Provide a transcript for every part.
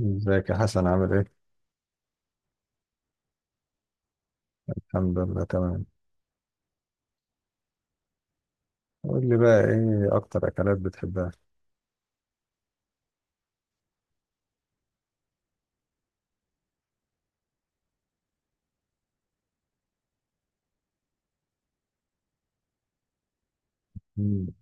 ازيك يا حسن عامل ايه؟ الحمد لله تمام. قول لي بقى ايه اكتر اكلات بتحبها؟ مم.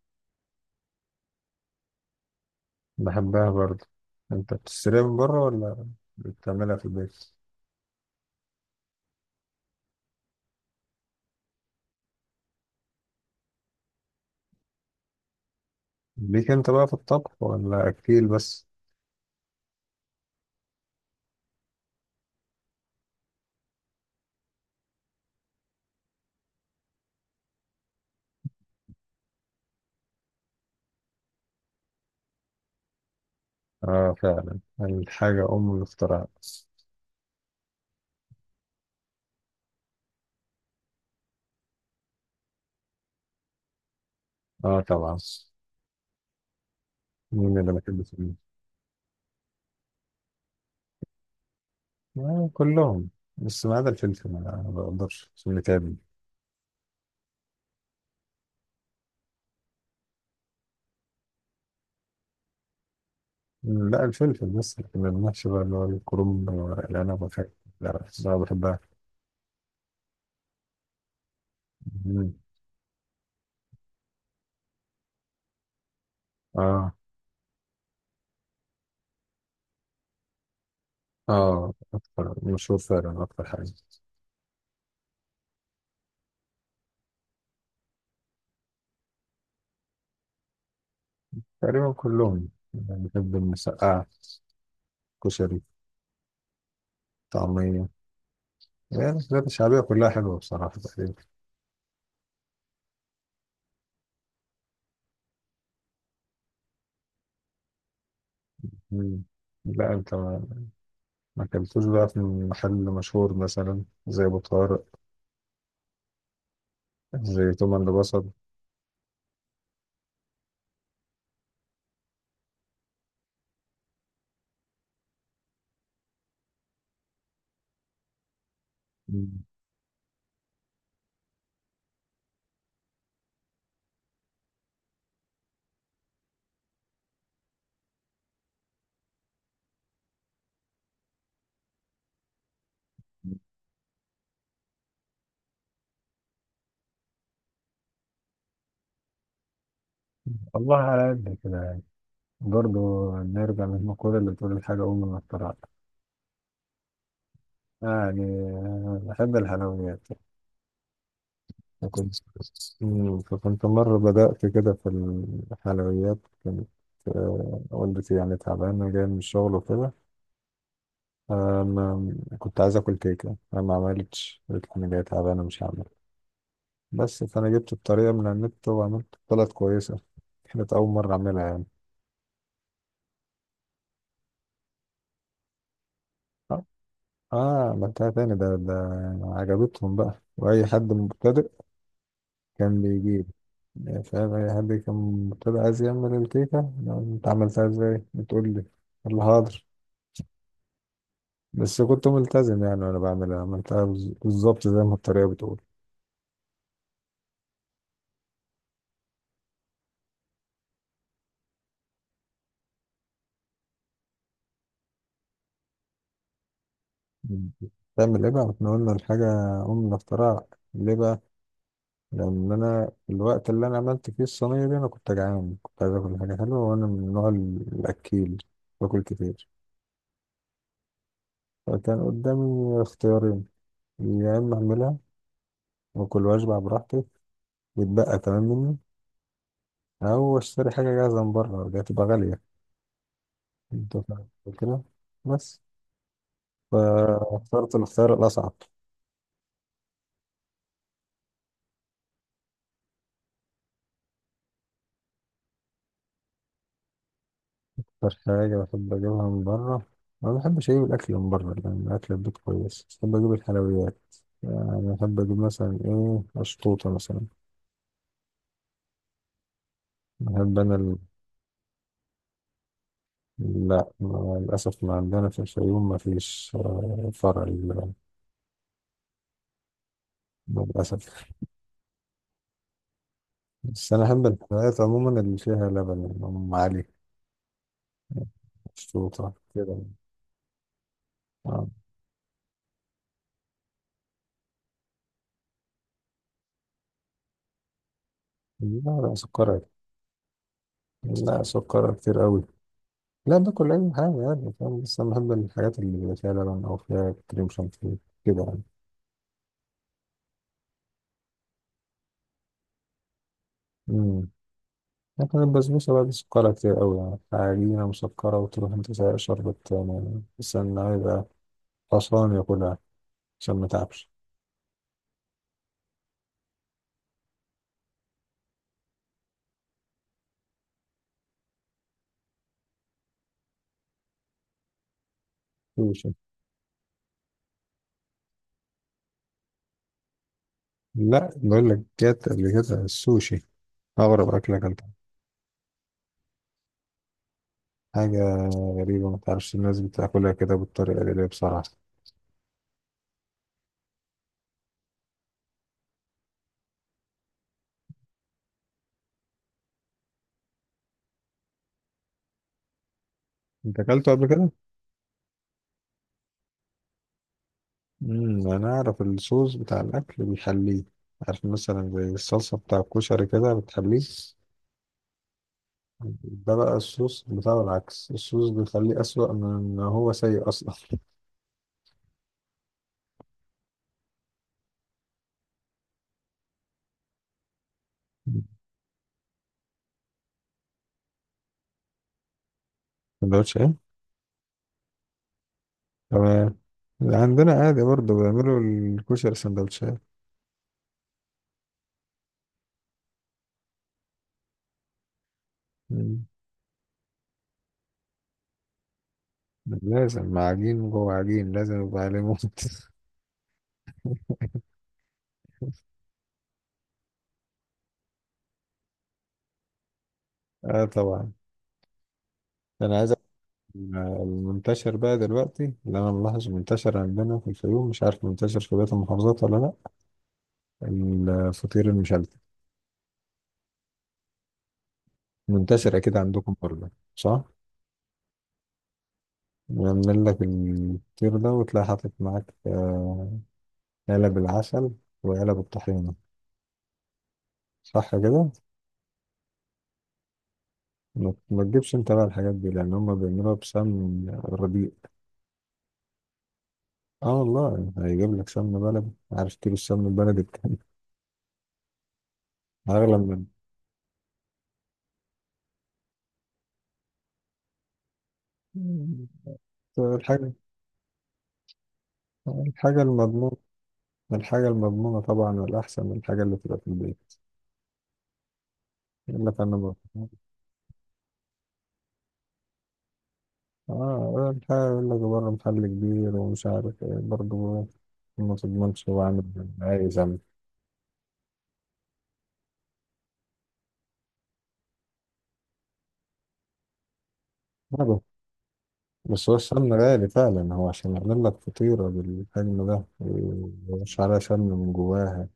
بحبها برضه. انت بتشتريها من بره ولا بتعملها في البيت؟ ليك انت بقى في الطبخ ولا اكيل بس؟ اه فعلا، الحاجة ام الاختراع. اه طبعا، مين اللي ما بحبش مين؟ آه كلهم بس ما عدا الفلفل، ما بقدرش عشان متعبني. لا الفلفل بس، لكن المحشي بقى اللي هو الكرنب والعنب والحاجات، لا لا بحبها. مم. اه. اه اكتر مشهور فعلا، اكتر حاجه. تقريبا كلهم يعني، بحب المسقعه، كشري، طعميه، يعني الحاجات الشعبيه كلها حلوه بصراحه تقريبا. مم. لا انت ما اكلتوش بقى في محل مشهور مثلا زي ابو طارق، زي توم اند بصل؟ مم. والله على قد كده يعني. برضه نرجع للمقولة اللي بتقول الحاجة أم ما اخترعتها. يعني بحب الحلويات. كنت، فكنت مرة بدأت كده في الحلويات. كانت والدتي يعني تعبانة جاية من الشغل وكده. كنت عايز آكل كيكة، أنا ما عملتش، قلت أنا جاية تعبانة مش هعمل، بس فأنا جبت الطريقة من على النت وعملت، طلعت كويسة. كانت أول مرة أعملها يعني. آه. عملتها تاني، ده عجبتهم بقى. وأي حد مبتدئ كان بيجيب، يعني فاهم، أي حد كان مبتدئ عايز يعمل الكيكة، أنت عملتها إزاي؟ بتقول لي اللي حاضر. بس كنت ملتزم يعني وانا بعملها، عملتها بالظبط زي ما الطريقه بتقول. تعمل ايه بقى، احنا قلنا الحاجه ام الاختراع. ليه بقى؟ لان انا الوقت اللي انا عملت فيه الصينيه دي انا كنت جعان، كنت عايز اكل حاجه حلوه، وانا من النوع الاكيل، باكل كتير. فكان قدامي اختيارين، يا اما اعملها واكل واشبع براحتي ويتبقى كمان مني، او اشتري حاجه جاهزه من بره، دي هتبقى غاليه. انت فاهم كده؟ بس فاخترت الاختيار الاصعب. أكتر حاجة بحب أجيبها من بره، ما بحبش أجيب الأكل من بره لأن الأكل البيت كويس، بحب أجيب الحلويات يعني، بحب أجيب مثلا إيه، أشطوطة مثلا. بحب أنا لا، للأسف ما عندنا في الفيوم، ما فيش فرع للأسف. بس أنا أحب الحلويات عموما اللي فيها لبن، يعني أم علي، أشطوطة كده. آه. لا لا، سكرها، لا سكرها كتير أوي. لا، باكل أي حاجة يعني، فاهم؟ بس أنا بحب الحاجات اللي بيبقى فيها لبن أو فيها كريم شانتيه كده يعني. امم. لكن البسبوسة بقى دي سكرها كتير قوي يعني، عجينة مسكرة وتروح انت سايق شربت يعني، بس انا هيبقى خسران ياكلها عشان ما تعبش. سوشي. لا بقول لك، جت قبل كده السوشي، أغرب أكلة أكلتها. حاجة غريبة، ما تعرفش الناس بتاكلها كده بالطريقة دي ليه بصراحة. أنت أكلته قبل كده؟ أنا أعرف الصوص بتاع الأكل بيحليه، عارف مثلا زي الصلصة بتاع الكشري كده بتحليه، ده بقى الصوص بتاع العكس، الصوص بيخليه أسوأ من إن هو سيء أصلا. سندوتشات. تمام. عندنا عادي برضه بيعملوا الكشري سندوتشات. مم. لازم مع عجين جوه عجين لازم، يبقى عليه موت. اه طبعا. انا عايز أقول المنتشر بقى دلوقتي اللي انا ملاحظ منتشر عندنا في الفيوم، مش عارف منتشر في بقية المحافظات ولا لا، الفطير المشلتت. منتشر اكيد عندكم برضه، صح؟ بيعمل لك الفطير ده وتلاقي حاطط معاك علب العسل وعلب الطحينة. صح كده؟ ما تجيبش انت بقى الحاجات دي لأن هما بيعملوها بسمن الربيع. اه والله، هيجيب لك سمن بلدي. عارف كيلو السمن البلدي بكام؟ أغلى من الحاجة الحاجة المضمونة الحاجة المضمونة طبعا، والأحسن من الحاجة اللي بتبقى في البيت، يقول لك أنا بقى. اه الحاجة يقول لك بره محل كبير ومش عارف ايه برضه، ما تضمنش هو عامل إيه، عايز عامل. بس هو السمن غالي فعلا، هو عشان يعمل لك فطيرة بالحجم ده ويرش عليها سمن من جواها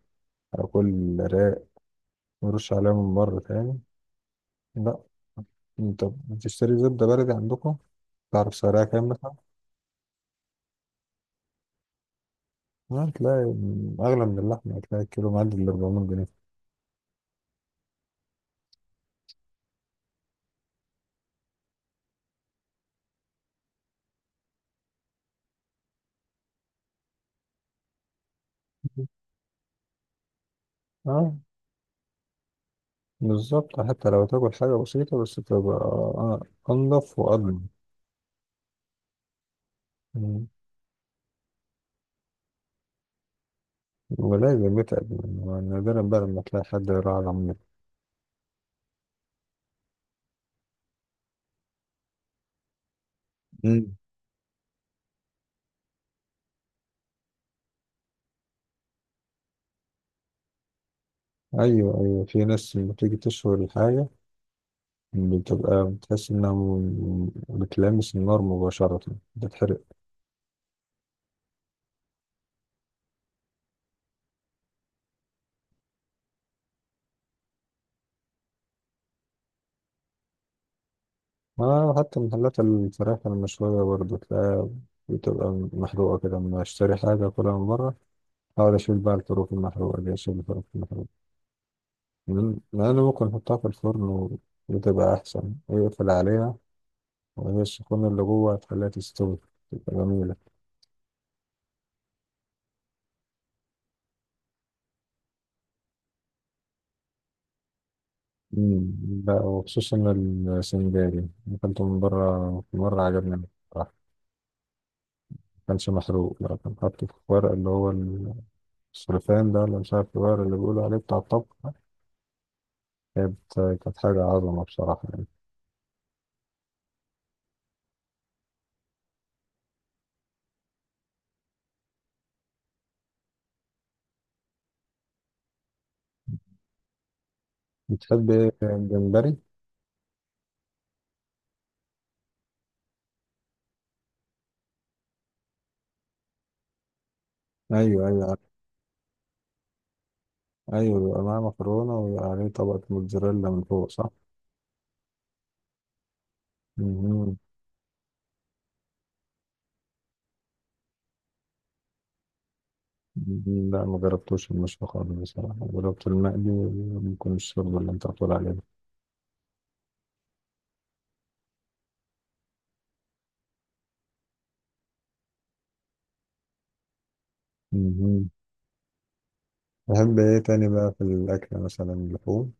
أو كل رق ويرش عليها من بره تاني، لا. انت بتشتري زبدة بلدي عندكم؟ تعرف سعرها كام مثلا؟ لا هتلاقي أغلى من اللحمة، هتلاقي الكيلو معدي ال 400 جنيه. اه بالظبط، حتى لو تاكل حاجة بسيطة بس تبقى أنضف وأضمن. مم. ولازم يتعب، نادرا بقى لما تلاقي حد يراعي العمال. مم. ايوه ايوه، في ناس لما تيجي تشوي الحاجه بتبقى بتحس إنها بتلامس النار مباشرة، بتتحرق. آه، حتى محلات الفراخ المشوية برضه تلاقيها بتبقى محروقة كده. لما أشتري حاجة كلها من بره أحاول أشيل بقى الفروخ المحروقة، دي أشيل الفروخ المحروقة لأن ممكن أحطها في الفرن وبتبقى أحسن، ويقفل عليها وهي السخونة اللي جوه هتخليها تستوي، تبقى جميلة. مم. لا، وخصوصا السنجاري، أكلته من بره مرة عجبني. كانش محروق، لا كان حاطه في ورق اللي هو السلوفان ده، اللي مش عارف الورق اللي بيقولوا عليه بتاع الطبخ. كانت كانت حاجة عظمة بصراحة يعني. بتحب إيه، الجمبري؟ أيوه أيوه عارف. أيوه بيبقى معاه مكرونة ويبقى عليه طبقة موتزاريلا من فوق، صح؟ مهم. لا ما جربتوش المشوي خالص بصراحة، جربت المقلي وممكن الشرب اللي أنت بتقول عليه ده. مهم. تحب إيه تاني بقى في الأكل، مثلا اللحوم؟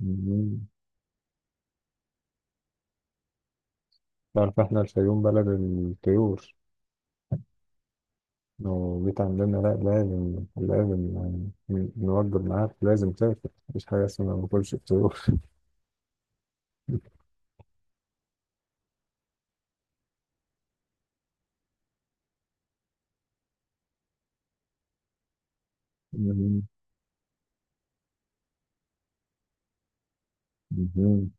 مهم. تعرف إحنا الفيوم بلد الطيور، لو جيت عندنا لا لازم لازم يعني، نوجب معاك، لازم تاكل، مفيش حاجة اسمها ما باكلش فطور. مهم. مهم.